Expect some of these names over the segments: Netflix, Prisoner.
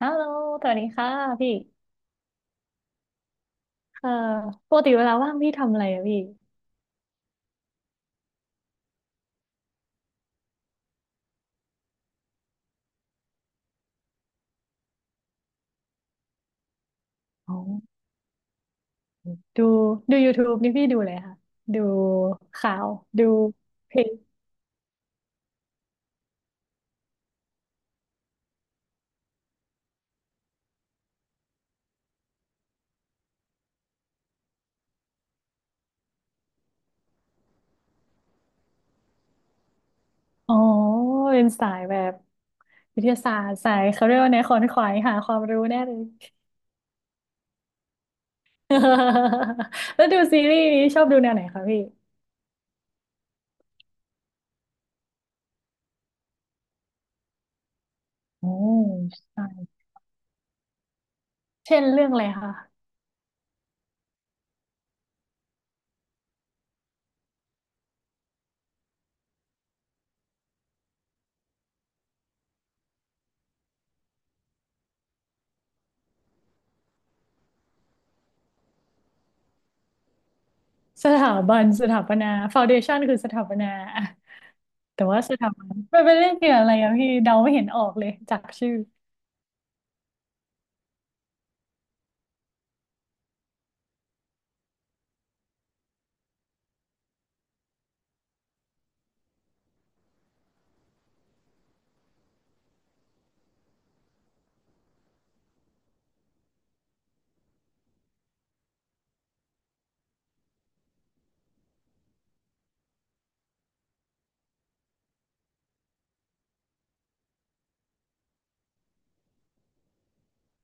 ฮัลโหลสวัสดีค่ะพี่เอ่อปกติเวลาว่างพี่ทำอะไรอะพี่อ๋อดูดู YouTube นี่พี่ดูเลยค่ะดูข่าวดูเพลงอ๋อเป็นสายแบบวิทยาศาสตร์สายเขาเรียกว่าแนวขวนขวายหาความรู้แน่เลย แล้วดูซีรีส์นี้ชอบดูแนวไหนคะพี่โอ้ใช่เช่นเรื่องอะไรคะสถาบันสถาปนาฟาวเดชันคือสถาปนา แต่ว่าสถาบันไม่ไปเล่นเกี่ยวอะไรอะพี่เดาไม่เห็นออกเลยจากชื่อ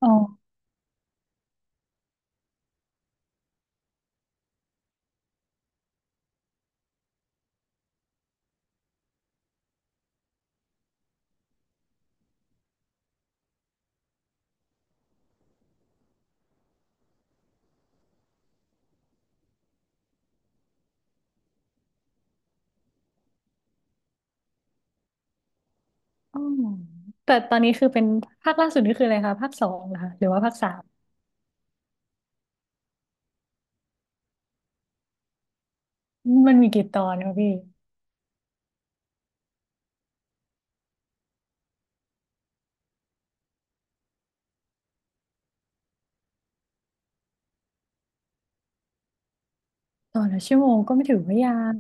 อ๋ออ๋อแต่ตอนนี้คือเป็นภาคล่าสุดนี่คืออะไรคะภาคสองเหรอคะหรือว่าภาคสามมันมีกี่ตอนคะพี่ตอนละชั่วโมงก็ไม่ถือว่ายาว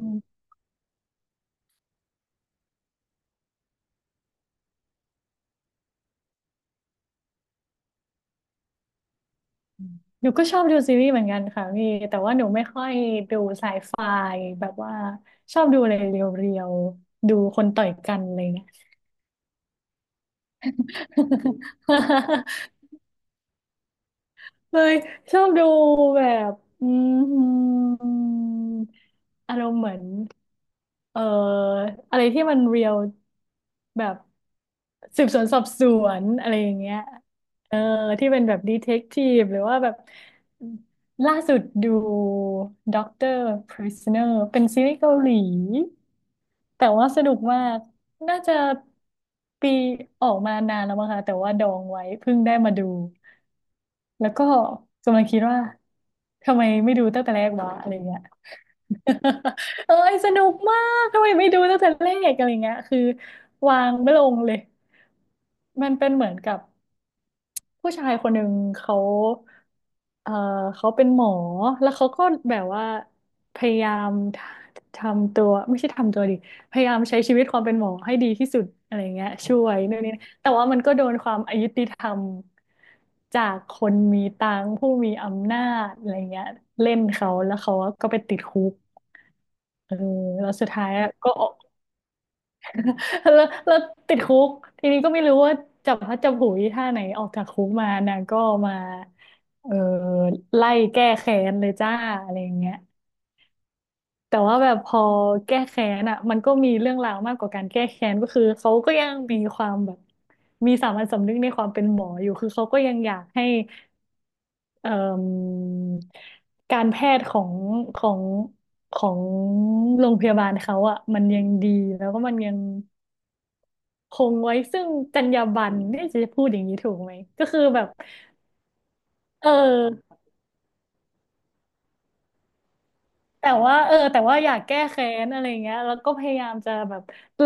หนูก็ชอบดูซีรีส์เหมือนกันค่ะพี่แต่ว่าหนูไม่ค่อยดูไซไฟแบบว่าชอบดูอะไรเรียวๆดูคนต่อยกันอะไรเงี้ย เลยชอบดูแบบอืมอารมณ์เหมือน เอ่ออะไรที่มันเรียลแบบสืบสวนสอบสวนอะไรอย่างเงี้ยเออที่เป็นแบบดีเทคทีฟหรือว่าแบบล่าสุดดูด็อกเตอร์ Prisoner เป็นซีรีส์เกาหลีแต่ว่าสนุกมากน่าจะปีออกมานานแล้วมั้งคะแต่ว่าดองไว้เพิ่งได้มาดู แล้วก็กำลังคิดว่าทำไมไม่ดูตั้งแต่แรกวะอะไรเงี้ย เอ้ยสนุกมากทำไมไม่ดูตั้งแต่แรกอะไรเงี้ยคือวางไม่ลงเลยมันเป็นเหมือนกับ ผู้ชายคนหนึ่งเขาเอ่อเขาเป็นหมอแล้วเขาก็แบบว่าพยายามททำตัวไม่ใช่ทำตัวดิพยายามใช้ชีวิตความเป็นหมอให้ดีที่สุดอะไรเงี้ยช่วยนู่นนี่แต่ว่ามันก็โดนความอยุติธรรมจากคนมีตังค์ผู้มีอำนาจอะไรเงี้ยเล่นเขาแล้วเขาก็ไปติดคุกเออแล้วสุดท้ายก็ แล้วติดคุกทีนี้ก็ไม่รู้ว่าจับพลัดจับผลูท่าไหนออกจากคุกมานางก็มาเออไล่แก้แค้นเลยจ้าอะไรอย่างเงี้ยแต่ว่าแบบพอแก้แค้นอ่ะมันก็มีเรื่องราวมากกว่าการแก้แค้นก็คือเขาก็ยังมีความแบบมีสามัญสำนึกในความเป็นหมออยู่คือเขาก็ยังอยากให้เอ่มการแพทย์ของของโรงพยาบาลเขาอ่ะมันยังดีแล้วก็มันยัง คงไว้ซึ่งจรรยาบรรณเนี่ยจะพูดอย่างนี้ถูกไหมก็คือแบบเออแต่ว่าเออแต่ว่าอยากแก้แค้นอะไรเงี้ยแล้วก็พยายามจะแบบเออ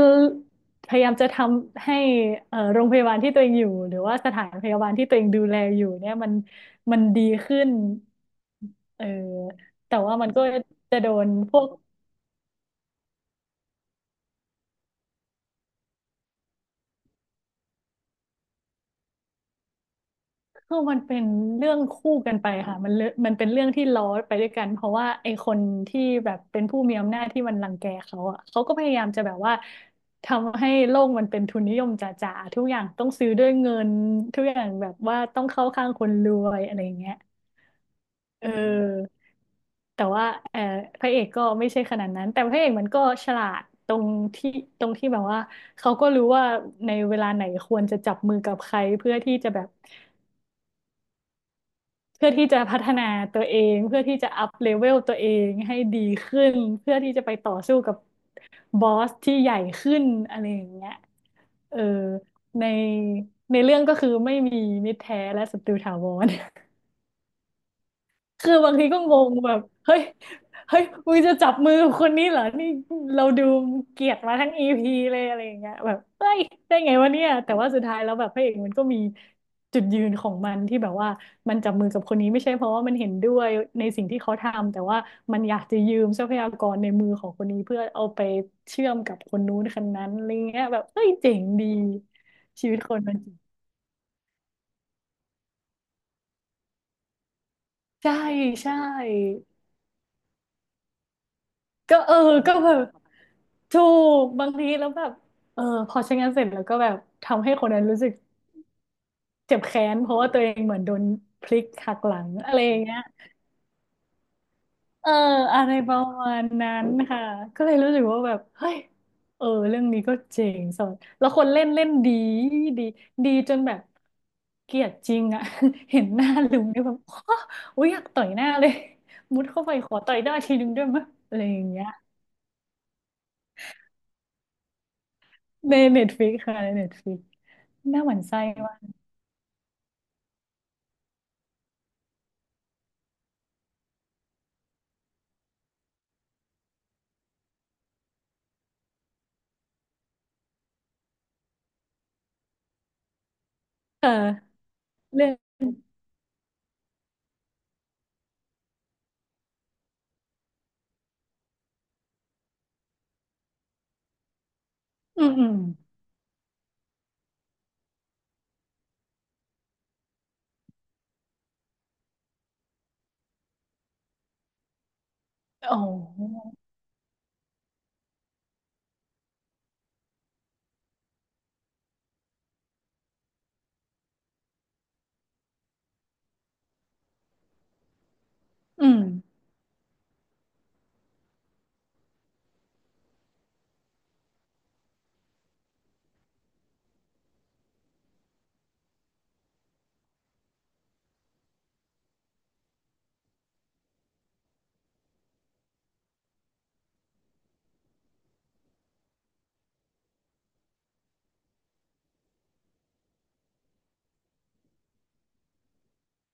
พยายามจะทำให้เออโรงพยาบาลที่ตัวเองอยู่หรือว่าสถานพยาบาลที่ตัวเองดูแลอยู่เนี่ยมันดีขึ้นเออแต่ว่ามันก็จะโดนพวก คือมันเป็นเรื่องคู่กันไปค่ะมันเลมันเป็นเรื่องที่ล้อไปด้วยกันเพราะว่าไอ้คนที่แบบเป็นผู้มีอำนาจที่มันรังแกเขาอ่ะเขาก็พยายามจะแบบว่าทำให้โลกมันเป็นทุนนิยมจ๋าๆทุกอย่างต้องซื้อด้วยเงินทุกอย่างแบบว่าต้องเข้าข้างคนรวยอะไรอย่างเงี้ยเออแต่ว่าเออพระเอกก็ไม่ใช่ขนาดนั้นแต่พระเอกมันก็ฉลาดที่ตรงที่แบบว่าเขาก็รู้ว่าในเวลาไหนควรจะจับมือกับใครเพื่อที่จะแบบ เพื่อที่จะพัฒนาตัวเองเพื่อที่จะอัพเลเวลตัวเองให้ดีขึ้นเพื่อที่จะไปต่อสู้กับบอสที่ใหญ่ขึ้นอะไรอย่างเงี้ยเออในในเรื่องก็คือไม่มีมิตรแท้และศัตรูถาวร คือบางทีก็งงแบบเฮ้ยเฮ้ยมึงจะจับมือกับคนนี้เหรอนี่เราดูเกลียดมาทั้งอีพีเลยอะไรอย่างเงี้ยแบบเฮ้ยได้ไงวะเนี่ย แต่ว่าสุดท้ายแล้วแบบพระเอกมันก็มีจุดยืนของมันที่แบบว่ามันจับมือกับคนนี้ไม่ใช่เพราะว่ามันเห็นด้วยในสิ่งที่เขาทำแต่ว่ามันอยากจะยืมทรัพยากรในมือของคนนี้เพื่อเอาไปเชื่อมกับคนนู้นคนนั้นอะไรเงี้ยแบบเฮ้ยเจ๋งดีชีวิตคนมันใช่ใช่ ก็เออก็แบบถูกบางทีแล้วแบบเออพอใช้งานเสร็จแล้วก็แบบทำให้คนนั้นรู้สึกเจ็บแค้นเพราะว่าตัวเองเหมือนโดนพลิกหักหลังอะไรอย่างเงี้ยเอออะไรประมาณนั้นค่ะก็เลยรู้สึกว่าแบบเฮ้ยเออเรื่องนี้ก็เจ๋งสดแล้วคนเล่นเล่นดีดีดีจนแบบเกลียดจริงอะ เห็นหน้าลุงเนี่ยแบบ โอ้ยอยากต่อยหน้าเลยมุดเข้าไปขอต่อยหน้าทีนึงด้วยมั้ยอะไรอย่างเงี้ย ในเน็ตฟ i ิกค่ะในเน็ตฟ i ิกน่าหวั่นไส้ว่ะเออเรื่องอืมอืมอ๋ออืม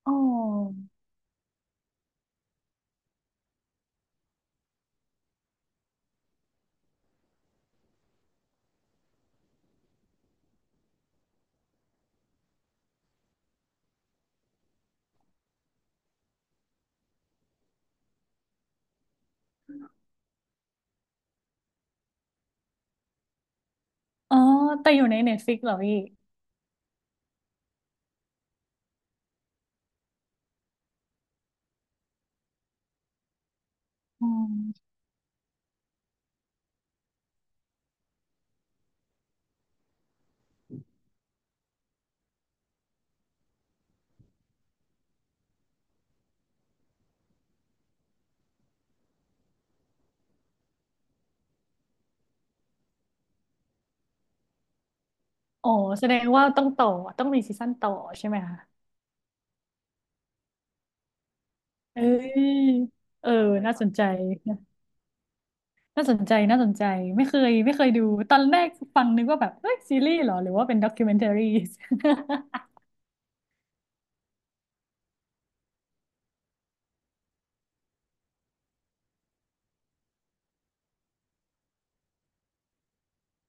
อ๋ออ๋อแต่อยู่ในเน็ตฟ i ิกเหรอพี่อ๋ออ๋อแสดงว่าต้องต่อต้องมีซีซั่นต่อใช่ไหมคะเอ้ยเออน่าสนใจน่าสนใจน่าสนใจไม่เคยไม่เคยดูตอนแรกฟังนึกว่าแบบเอ้ยซีรีส์เหรอหรือว่าเป็นด็อกิ m e n t a r i e s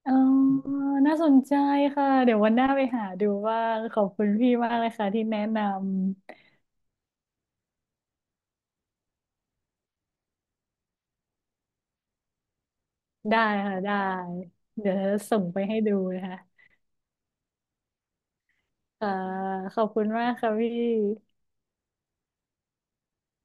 อ๋อน่าสนใจค่ะ เดี๋ยววันหน้าไปหาดูว่างขอบคุณพี่มากเลยค่ะที่แนะนำได้ค่ะได้ เดี๋ยวจะส่งไปให้ดูนะคะค่ะขอบคุณมากค่ะพี่